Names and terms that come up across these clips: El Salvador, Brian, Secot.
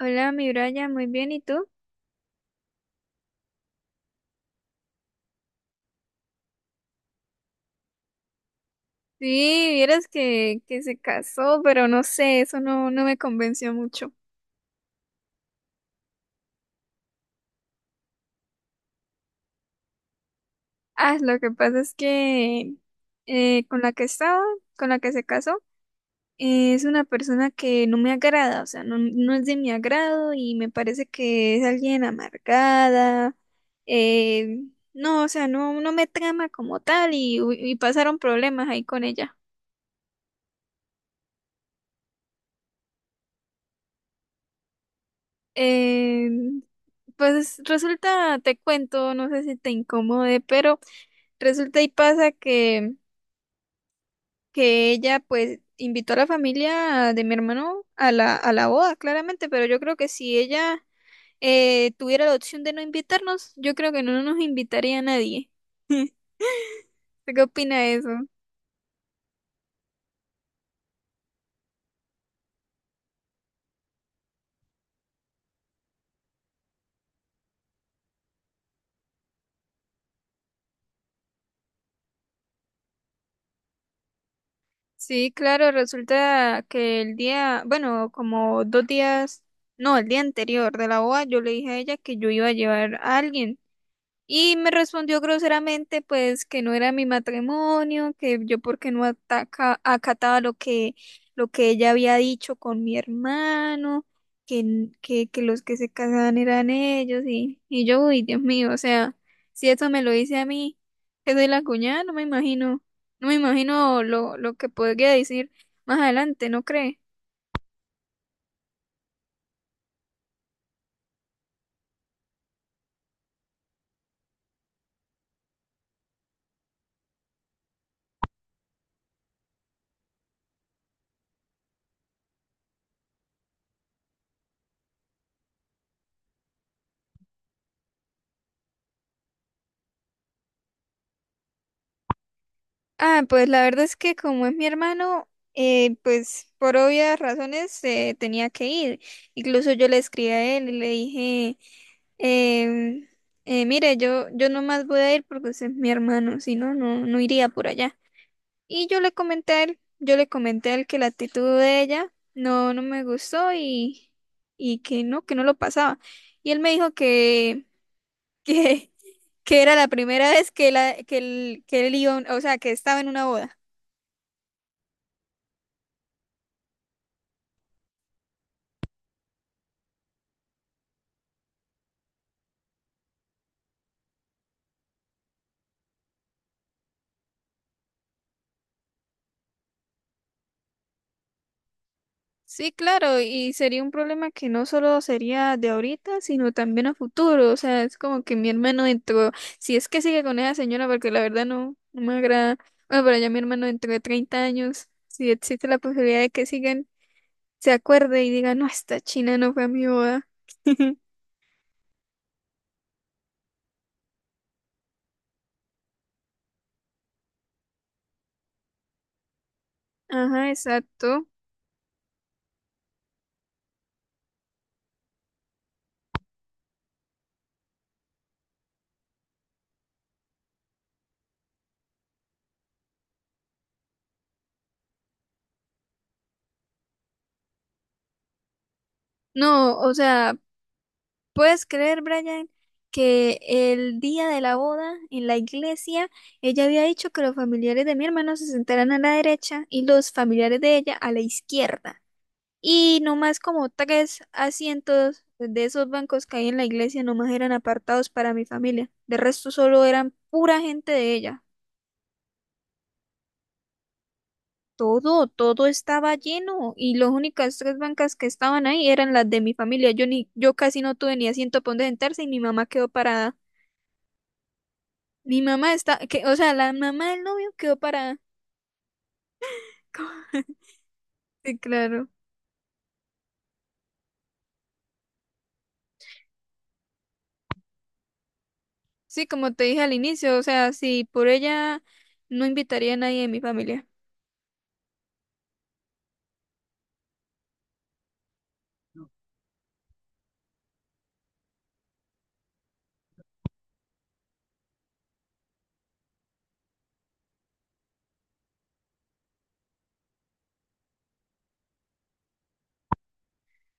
Hola, mi Brian, muy bien, ¿y tú? Sí, vieras que se casó, pero no sé, eso no, no me convenció mucho. Ah, lo que pasa es que eh, con la que estaba, con la que se casó, es una persona que no me agrada, o sea, no, no es de mi agrado y me parece que es alguien amargada. eh, no, o sea, no, no me trama como tal y pasaron problemas ahí con ella. Eh, pues resulta, te cuento, no sé si te incomode, pero resulta y pasa que ella pues invitó a la familia de mi hermano a la boda, claramente, pero yo creo que si ella tuviera la opción de no invitarnos, yo creo que no nos invitaría a nadie. ¿Usted ¿Qué opina de eso? Sí, claro, resulta que el día, bueno, como 2 días, no, el día anterior de la boda, yo le dije a ella que yo iba a llevar a alguien. Y me respondió groseramente, pues, que no era mi matrimonio, que yo porque no acataba lo que ella había dicho con mi hermano, que los que se casaban eran ellos, y yo, uy, Dios mío, o sea, si eso me lo dice a mí, que soy la cuñada, no me imagino lo que podría decir más adelante, ¿no cree? Ah, pues la verdad es que como es mi hermano, pues por obvias razones tenía que ir. Incluso yo le escribí a él y le dije, em, mire, yo nomás voy a ir porque usted es mi hermano, si no, no iría por allá. Y yo le comenté a él que la actitud de ella no, no me gustó y que no lo pasaba. Y él me dijo que, que era la primera vez que la, que él iba, a un- o sea, que estaba en una boda. Sí, claro, y sería un problema que no solo sería de ahorita, sino también a futuro. O sea, es como que mi hermano entró, si es que sigue con esa señora, porque la verdad no, no me agrada. Bueno, pero ya mi hermano dentro de 30 años, si existe la posibilidad de que sigan, se acuerde y diga, no, esta china no fue a mi boda. Ajá, exacto. No, o sea, ¿puedes creer, Brian, que el día de la boda en la iglesia, ella había dicho que los familiares de mi hermano se sentaran a la derecha y los familiares de ella a la izquierda? Y nomás como tres asientos de esos bancos que hay en la iglesia nomás eran apartados para mi familia. De resto solo eran pura gente de ella. Todo, todo estaba lleno y las únicas tres bancas que estaban ahí eran las de mi familia. Yo casi no tuve ni asiento para donde sentarse y mi mamá quedó parada. Mi mamá o sea, la mamá del novio quedó parada. Sí, claro. Sí, como te dije al inicio, o sea, si por ella no invitaría a nadie de mi familia.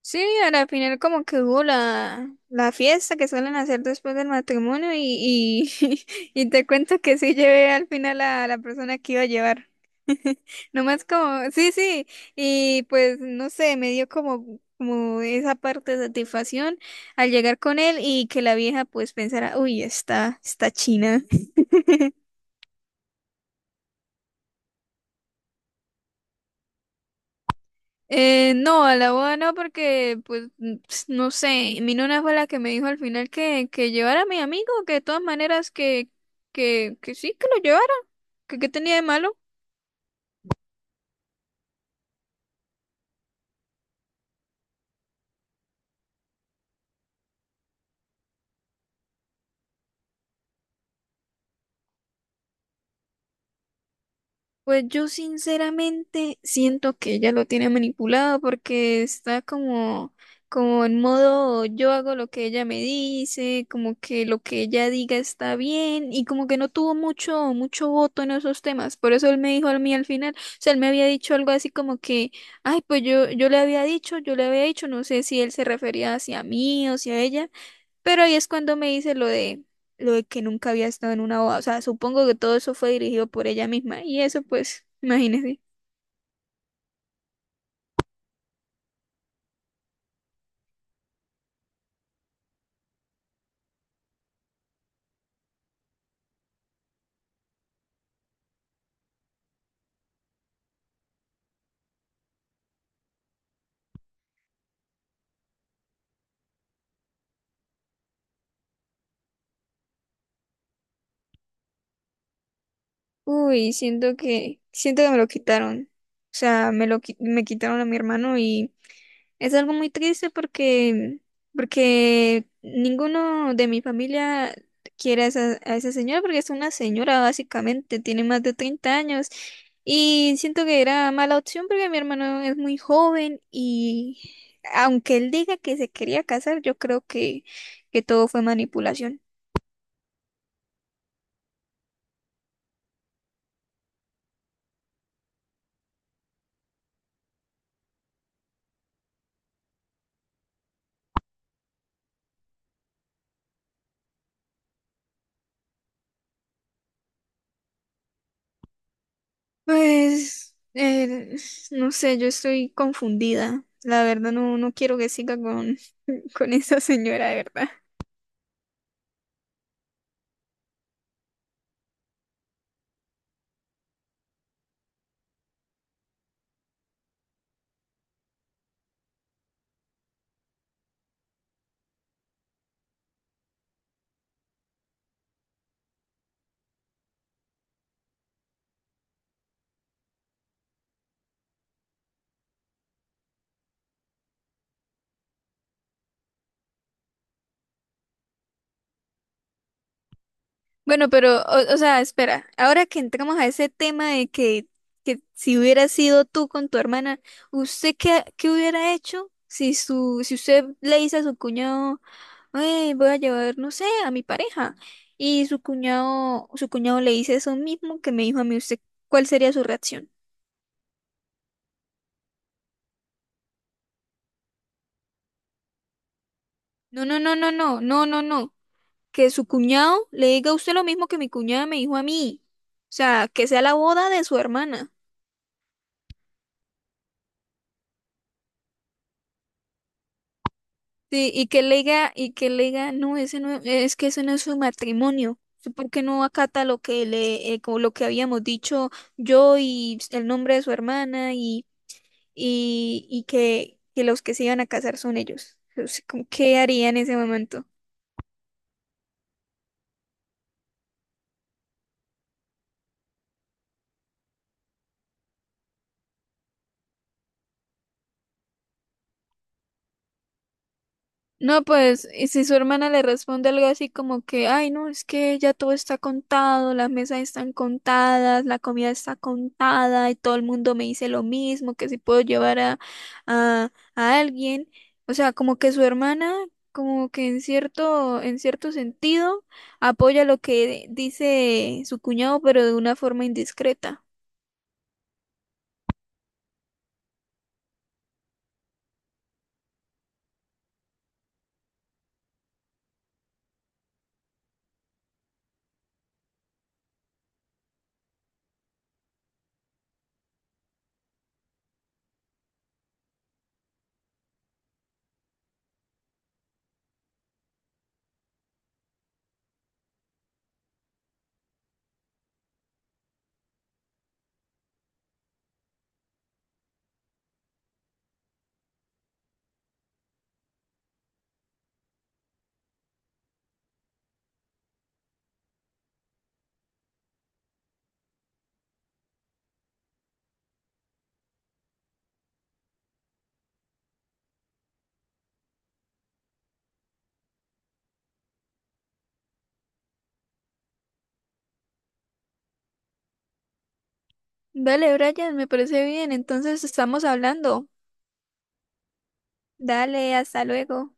Sí, a la final como que hubo la fiesta que suelen hacer después del matrimonio y te cuento que sí llevé al final a la persona que iba a llevar. Nomás como, sí, sí, y pues no sé, me dio como esa parte de satisfacción al llegar con él y que la vieja pues pensara, uy, está china. No, a la boda no, porque, pues, no sé, mi nona fue la que me dijo al final que llevara a mi amigo, que de todas maneras que sí, que lo llevara, que qué tenía de malo. Pues yo sinceramente siento que ella lo tiene manipulado porque está como en modo yo hago lo que ella me dice, como que lo que ella diga está bien y como que no tuvo mucho, mucho voto en esos temas. Por eso él me dijo a mí al final, o sea, él me había dicho algo así como que, ay, pues yo le había dicho, no sé si él se refería hacia mí o hacia ella, pero ahí es cuando me dice lo de que nunca había estado en una boda. O sea, supongo que todo eso fue dirigido por ella misma. Y eso, pues, imagínese. Uy, siento que me lo quitaron. O sea, me quitaron a mi hermano y es algo muy triste porque ninguno de mi familia quiere a esa señora porque es una señora básicamente, tiene más de 30 años y siento que era mala opción porque mi hermano es muy joven y aunque él diga que se quería casar, yo creo que todo fue manipulación. Pues, no sé, yo estoy confundida. La verdad, no, no quiero que siga con, con esa señora, de verdad. Bueno, pero, o sea, espera, ahora que entramos a ese tema de que si hubiera sido tú con tu hermana, ¿usted qué hubiera hecho si si usted le dice a su cuñado, "Ay, voy a llevar, no sé, a mi pareja"? Y su cuñado le dice eso mismo que me dijo a mí, ¿usted cuál sería su reacción? No, no, no, no, no, no, no, no. Que su cuñado le diga a usted lo mismo que mi cuñada me dijo a mí. O sea, que sea la boda de su hermana. Sí, y y que le diga, no, ese no, es que ese no es su matrimonio. ¿Usted ¿Por qué no acata como lo que habíamos dicho yo y el nombre de su hermana y que los que se iban a casar son ellos? O sea, ¿qué haría en ese momento? No, pues, y si su hermana le responde algo así como que, ay, no, es que ya todo está contado, las mesas están contadas, la comida está contada y todo el mundo me dice lo mismo, que si puedo llevar a alguien. O sea, como que su hermana, como que en cierto sentido, apoya lo que dice su cuñado, pero de una forma indiscreta. Dale, Brian, me parece bien, entonces estamos hablando. Dale, hasta luego.